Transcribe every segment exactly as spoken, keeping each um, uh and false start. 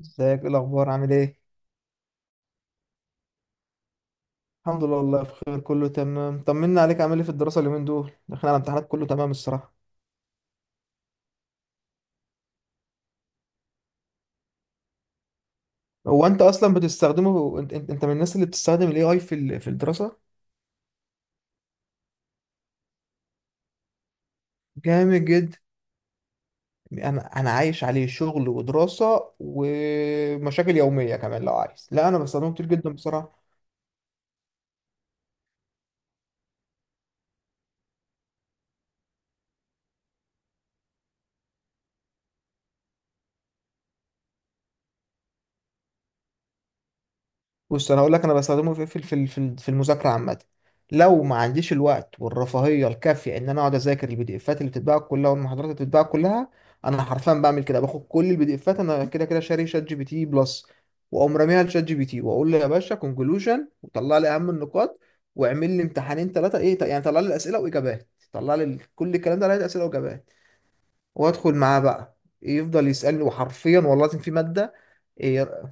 ازيك؟ ايه الاخبار؟ عامل ايه؟ الحمد لله، والله بخير، كله تمام. طمنا عليك، عامل ايه في الدراسه؟ اليومين دول داخلين على الامتحانات، كله تمام الصراحه. هو انت اصلا بتستخدمه؟ انت, انت, انت من الناس اللي بتستخدم الاي اي في ال- في الدراسه؟ جامد جدا. انا انا عايش عليه، شغل ودراسه ومشاكل يوميه كمان لو عايز. لا انا بستخدمه كتير جدا بصراحه. بص انا هقول لك، انا بستخدمه في في في في في المذاكره عامه. لو ما عنديش الوقت والرفاهيه الكافيه ان انا اقعد اذاكر البي دي افات اللي بتتباع كلها والمحاضرات اللي بتتباع كلها، انا حرفيا بعمل كده، باخد كل البي دي افات، انا كده كده شاري شات جي بي تي بلس، واقوم راميها لشات جي بي تي واقول له يا باشا كونكلوجن وطلع لي اهم النقاط واعمل لي امتحانين ثلاثه، ايه يعني، طلع لي الاسئله واجابات، طلع لي ال- كل الكلام ده، لقيت اسئله واجابات. وادخل معاه بقى يفضل يسالني، وحرفيا والله العظيم في ماده، إيه،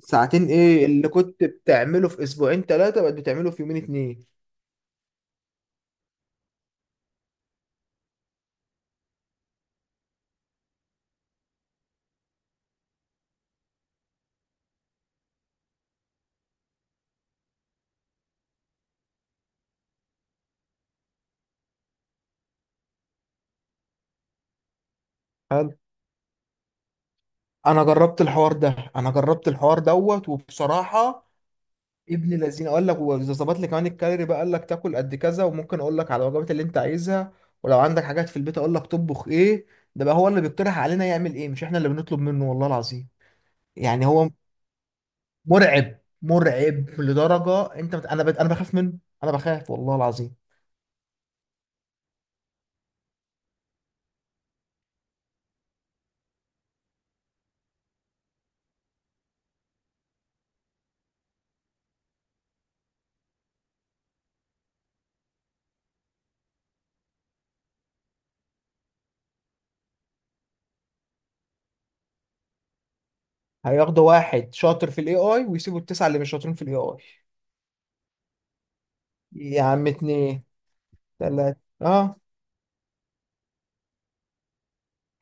ساعتين؟ ايه اللي كنت بتعمله في اسبوعين ثلاثة بقت بتعمله في يومين اتنين. حلو. انا جربت الحوار ده، انا جربت الحوار دوت وبصراحة ابن الذين، قال لك واذا ظبط لي كمان الكالوري بقى، قال لك تاكل قد كذا، وممكن اقول لك على الوجبات اللي انت عايزها، ولو عندك حاجات في البيت اقول لك تطبخ ايه. ده بقى هو اللي بيقترح علينا يعمل ايه، مش احنا اللي بنطلب منه، والله العظيم. يعني هو مرعب، مرعب لدرجة، انت مت... انا ب... انا بخاف منه، انا بخاف والله العظيم. هياخدوا واحد شاطر في الاي اي ويسيبوا التسعة اللي مش شاطرين في الاي اي. يا عم اتنين، تلاتة، اه.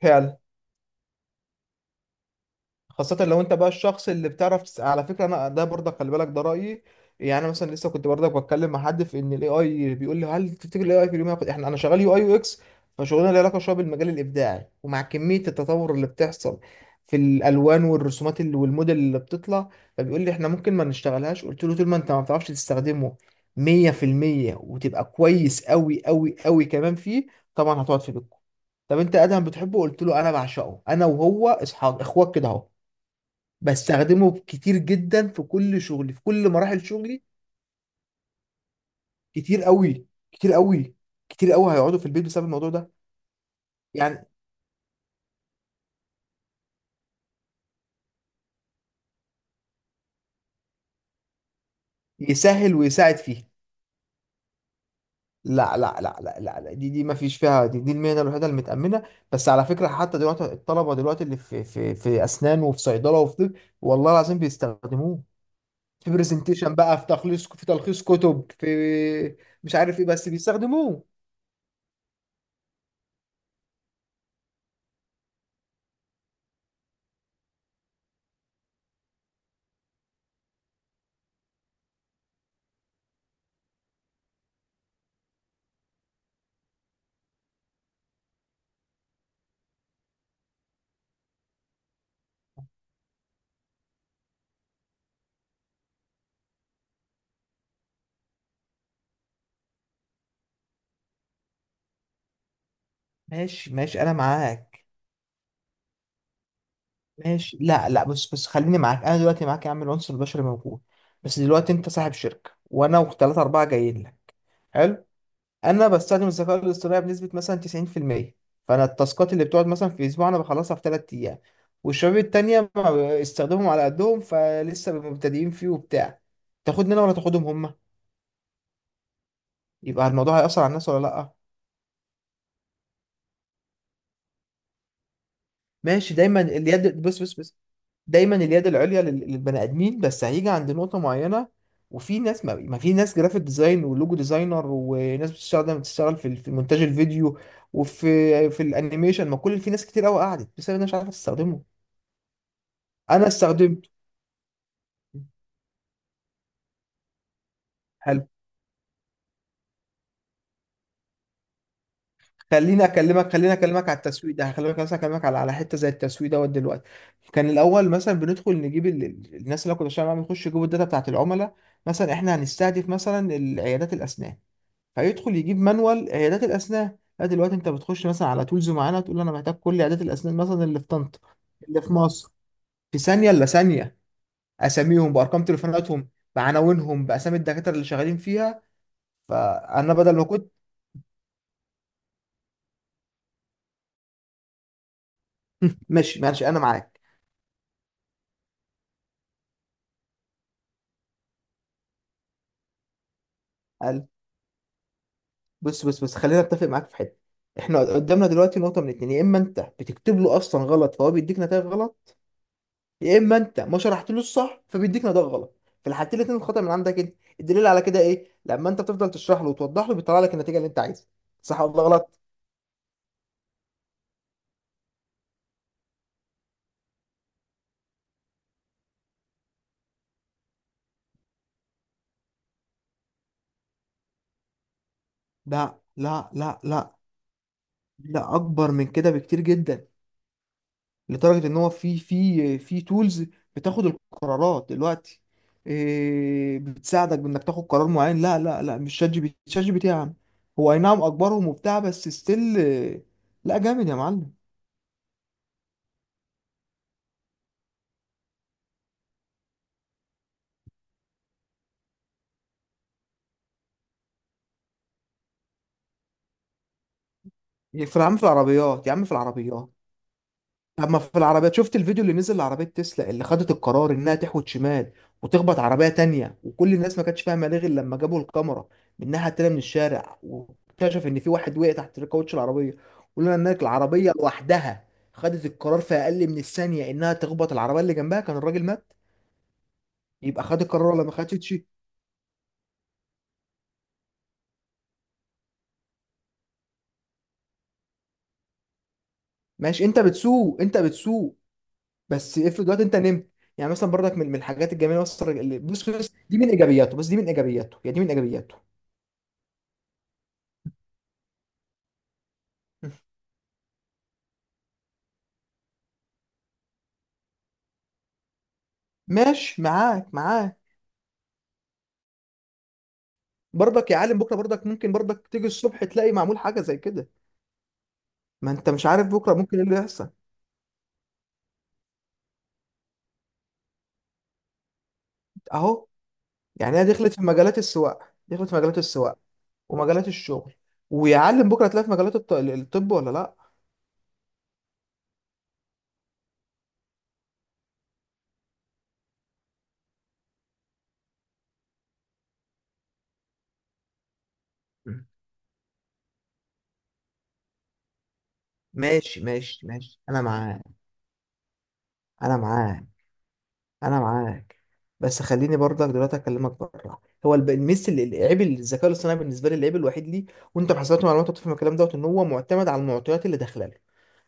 فعلا. خاصة لو انت بقى الشخص اللي بتعرف تس... على فكرة انا ده برضك، خلي بالك ده رأيي. يعني انا مثلا لسه كنت برضك بتكلم مع حد في ان الاي اي، بيقول لي هل تفتكر الاي اي في اليوم هياخد، احنا انا شغال يو اي يو اكس، فشغلنا له علاقة شوية بالمجال الابداعي، ومع كمية التطور اللي بتحصل في الالوان والرسومات اللي والموديل اللي بتطلع، فبيقول لي احنا ممكن ما نشتغلهاش. قلت له طول ما انت ما بتعرفش تستخدمه مية في المية وتبقى كويس قوي قوي قوي كمان فيه، طبعا هتقعد في بيتكم. طب انت ادهم بتحبه؟ قلت له انا بعشقه، انا وهو اصحاب اخوات كده اهو. بستخدمه كتير جدا في كل شغلي، في كل مراحل شغلي. كتير قوي، كتير قوي، كتير قوي هيقعدوا في البيت بسبب الموضوع ده. يعني يسهل ويساعد فيه. لا لا لا لا لا, لا. دي دي ما فيش فيها، دي دي المهنه الوحيده المتامنه. بس على فكره حتى دلوقتي الطلبه دلوقتي اللي في في في اسنان وفي صيدله وفي طب، والله العظيم بيستخدموه في برزنتيشن بقى، في تخليص، في تلخيص كتب، في مش عارف ايه، بس بيستخدموه. ماشي ماشي انا معاك. ماشي، لا لا، بس بس خليني معاك، انا دلوقتي معاك يا عم، العنصر البشري موجود، بس دلوقتي انت صاحب شركه، وانا وثلاثه اربعه جايين لك. حلو. انا بستخدم الذكاء الاصطناعي بنسبه مثلا تسعين في المية، فانا التاسكات اللي بتقعد مثلا في اسبوع انا بخلصها في ثلاث ايام، والشباب التانية ما- استخدمهم على قدهم فلسه مبتدئين فيه وبتاع. تاخدني انا ولا تاخدهم هم؟ يبقى الموضوع هيأثر على الناس ولا لا؟ ماشي. دايما اليد بس بس بس دايما اليد العليا لل- للبني ادمين، بس هيجي عند نقطه معينه، وفي ناس ما, ما في ناس جرافيك ديزاين ولوجو ديزاينر، وناس بتشتغل بتشتغل في ال- في مونتاج الفيديو، وفي في الانيميشن، ما كل، في ناس كتير قوي قعدت بس انا مش عارف استخدمه. انا استخدمته. حلو. خليني اكلمك خليني اكلمك على التسويق ده، هكلمك مثلا، اكلمك على على حته زي التسويق دوت دلوقتي. كان الاول مثلا بندخل نجيب ال... ال- الناس اللي أنا كنت بشتغل معاهم يخشوا يجيبوا الداتا بتاعت العملاء، مثلا احنا هنستهدف مثلا العيادات الاسنان، فيدخل يجيب مانوال عيادات الاسنان. لا دلوقتي انت بتخش مثلا على تولز معانا تقول له انا محتاج كل عيادات الاسنان مثلا اللي في طنطا، اللي في مصر، في ثانيه الا ثانيه، اساميهم بارقام تليفوناتهم، بعناوينهم، باسامي الدكاتره اللي شغالين فيها. فانا بدل ما كنت. ماشي ماشي انا معاك. قال. بص بص بص خلينا اتفق معاك في حته. احنا قدامنا دلوقتي نقطه من اتنين، يا اما انت بتكتب له اصلا غلط فهو بيديك نتائج غلط، يا اما انت ما شرحتلوش صح فبيديك نتائج غلط. في الحالتين الاثنين الخطا من عندك انت. الدليل على كده ايه؟ لما انت بتفضل تشرح له وتوضح له بيطلع لك النتيجه اللي انت عايزها، صح ولا غلط؟ لا لا لا لا لا، اكبر من كده بكتير جدا، لدرجه ان هو في في في تولز بتاخد القرارات دلوقتي، إيه، بتساعدك بانك تاخد قرار معين. لا لا لا، مش شات جي بي تي. شات جي بي تي يا عم هو اي نعم اكبرهم وبتاع، بس ستيل. لا جامد يا معلم. في يا عم، في العربيات يا عم، في العربيات. طب ما في العربيات، شفت الفيديو اللي نزل لعربية تسلا اللي خدت القرار انها تحوت شمال وتخبط عربية تانية، وكل الناس ما كانتش فاهمة ليه غير لما جابوا الكاميرا من الناحية التانية من الشارع، واكتشف ان في واحد وقع تحت الكاوتش العربية، ولولا ان العربية لوحدها خدت القرار في اقل من الثانية انها تخبط العربية اللي جنبها كان الراجل مات. يبقى خد القرار ولا ما خدتش؟ ماشي. انت بتسوق، انت بتسوق، بس افرض دلوقتي انت نمت. يعني مثلا برضك من من الحاجات الجميلة مثلا اللي- بص بص، دي من ايجابياته، بس دي من ايجابياته، يعني دي من ايجابياته. ماشي، معاك معاك. برضك يا عالم بكره، برضك ممكن برضك تيجي الصبح تلاقي معمول حاجه زي كده، ما انت مش عارف بكره ممكن ايه اللي يحصل. اهو، يعني هي دخلت في مجالات السواقه، دخلت في مجالات السواقه ومجالات الشغل، ويا عالم بكره تلاقي في مجالات الط- الطب ولا لا. مم. ماشي ماشي ماشي انا معاك، انا معاك، انا معاك. بس خليني برضك دلوقتي اكلمك بره، هو الب- الميس اللي، العيب اللي الذكاء الاصطناعي بالنسبه لي، العيب الوحيد ليه، وانت في حسابات المعلومات وتفهم الكلام دوت، ان هو معتمد على المعطيات اللي داخله له.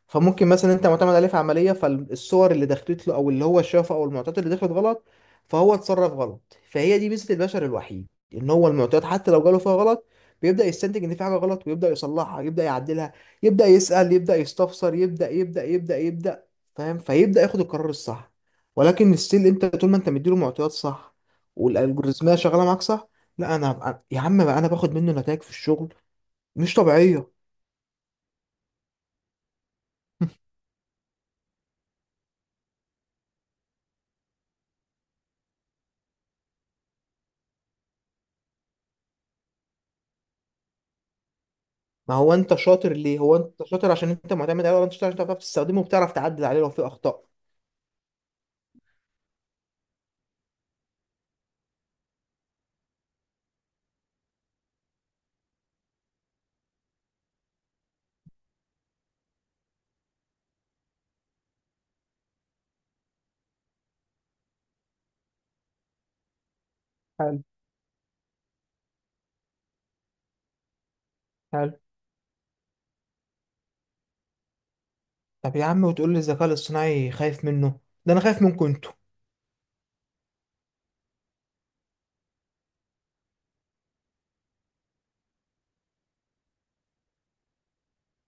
فممكن مثلا انت معتمد عليه في عمليه، فالصور اللي دخلت له او اللي هو شافه او المعطيات اللي دخلت غلط، فهو اتصرف غلط. فهي دي ميزه البشر الوحيد، ان هو المعطيات حتى لو جاله فيها غلط بيبدا يستنتج ان في حاجه غلط، ويبدا يصلحها، يبدا يعدلها، يبدا يسال، يبدا يستفسر، يبدا يبدا يبدا يبدا فاهم، فيبدا ياخد القرار الصح. ولكن الستيل انت طول ما انت مديله معطيات صح والالجوريزميه شغاله معاك صح، لا انا هبقى- يا عم بقى انا باخد منه نتائج في الشغل مش طبيعيه. ما هو انت شاطر ليه؟ هو انت شاطر عشان انت معتمد عليه، ولا انت شاطر عشان انت بتعرف تستخدمه وبتعرف تعدل عليه لو في اخطاء؟ حلو. حلو. طب يا عم وتقول لي الذكاء الاصطناعي خايف منه؟ ده انا خايف منكم انتوا.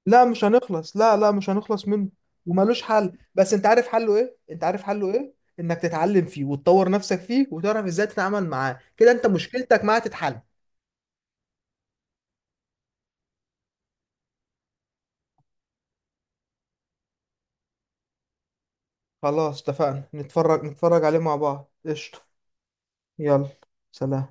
لا مش هنخلص، لا لا مش هنخلص منه ومالوش حل، بس انت عارف حله ايه؟ انت عارف حله ايه؟ انك تتعلم فيه وتطور نفسك فيه وتعرف ازاي تتعامل معاه، كده انت مشكلتك معاه تتحل. خلاص اتفقنا، نتفرج نتفرج عليه مع بعض، قشطة. يلا، سلام.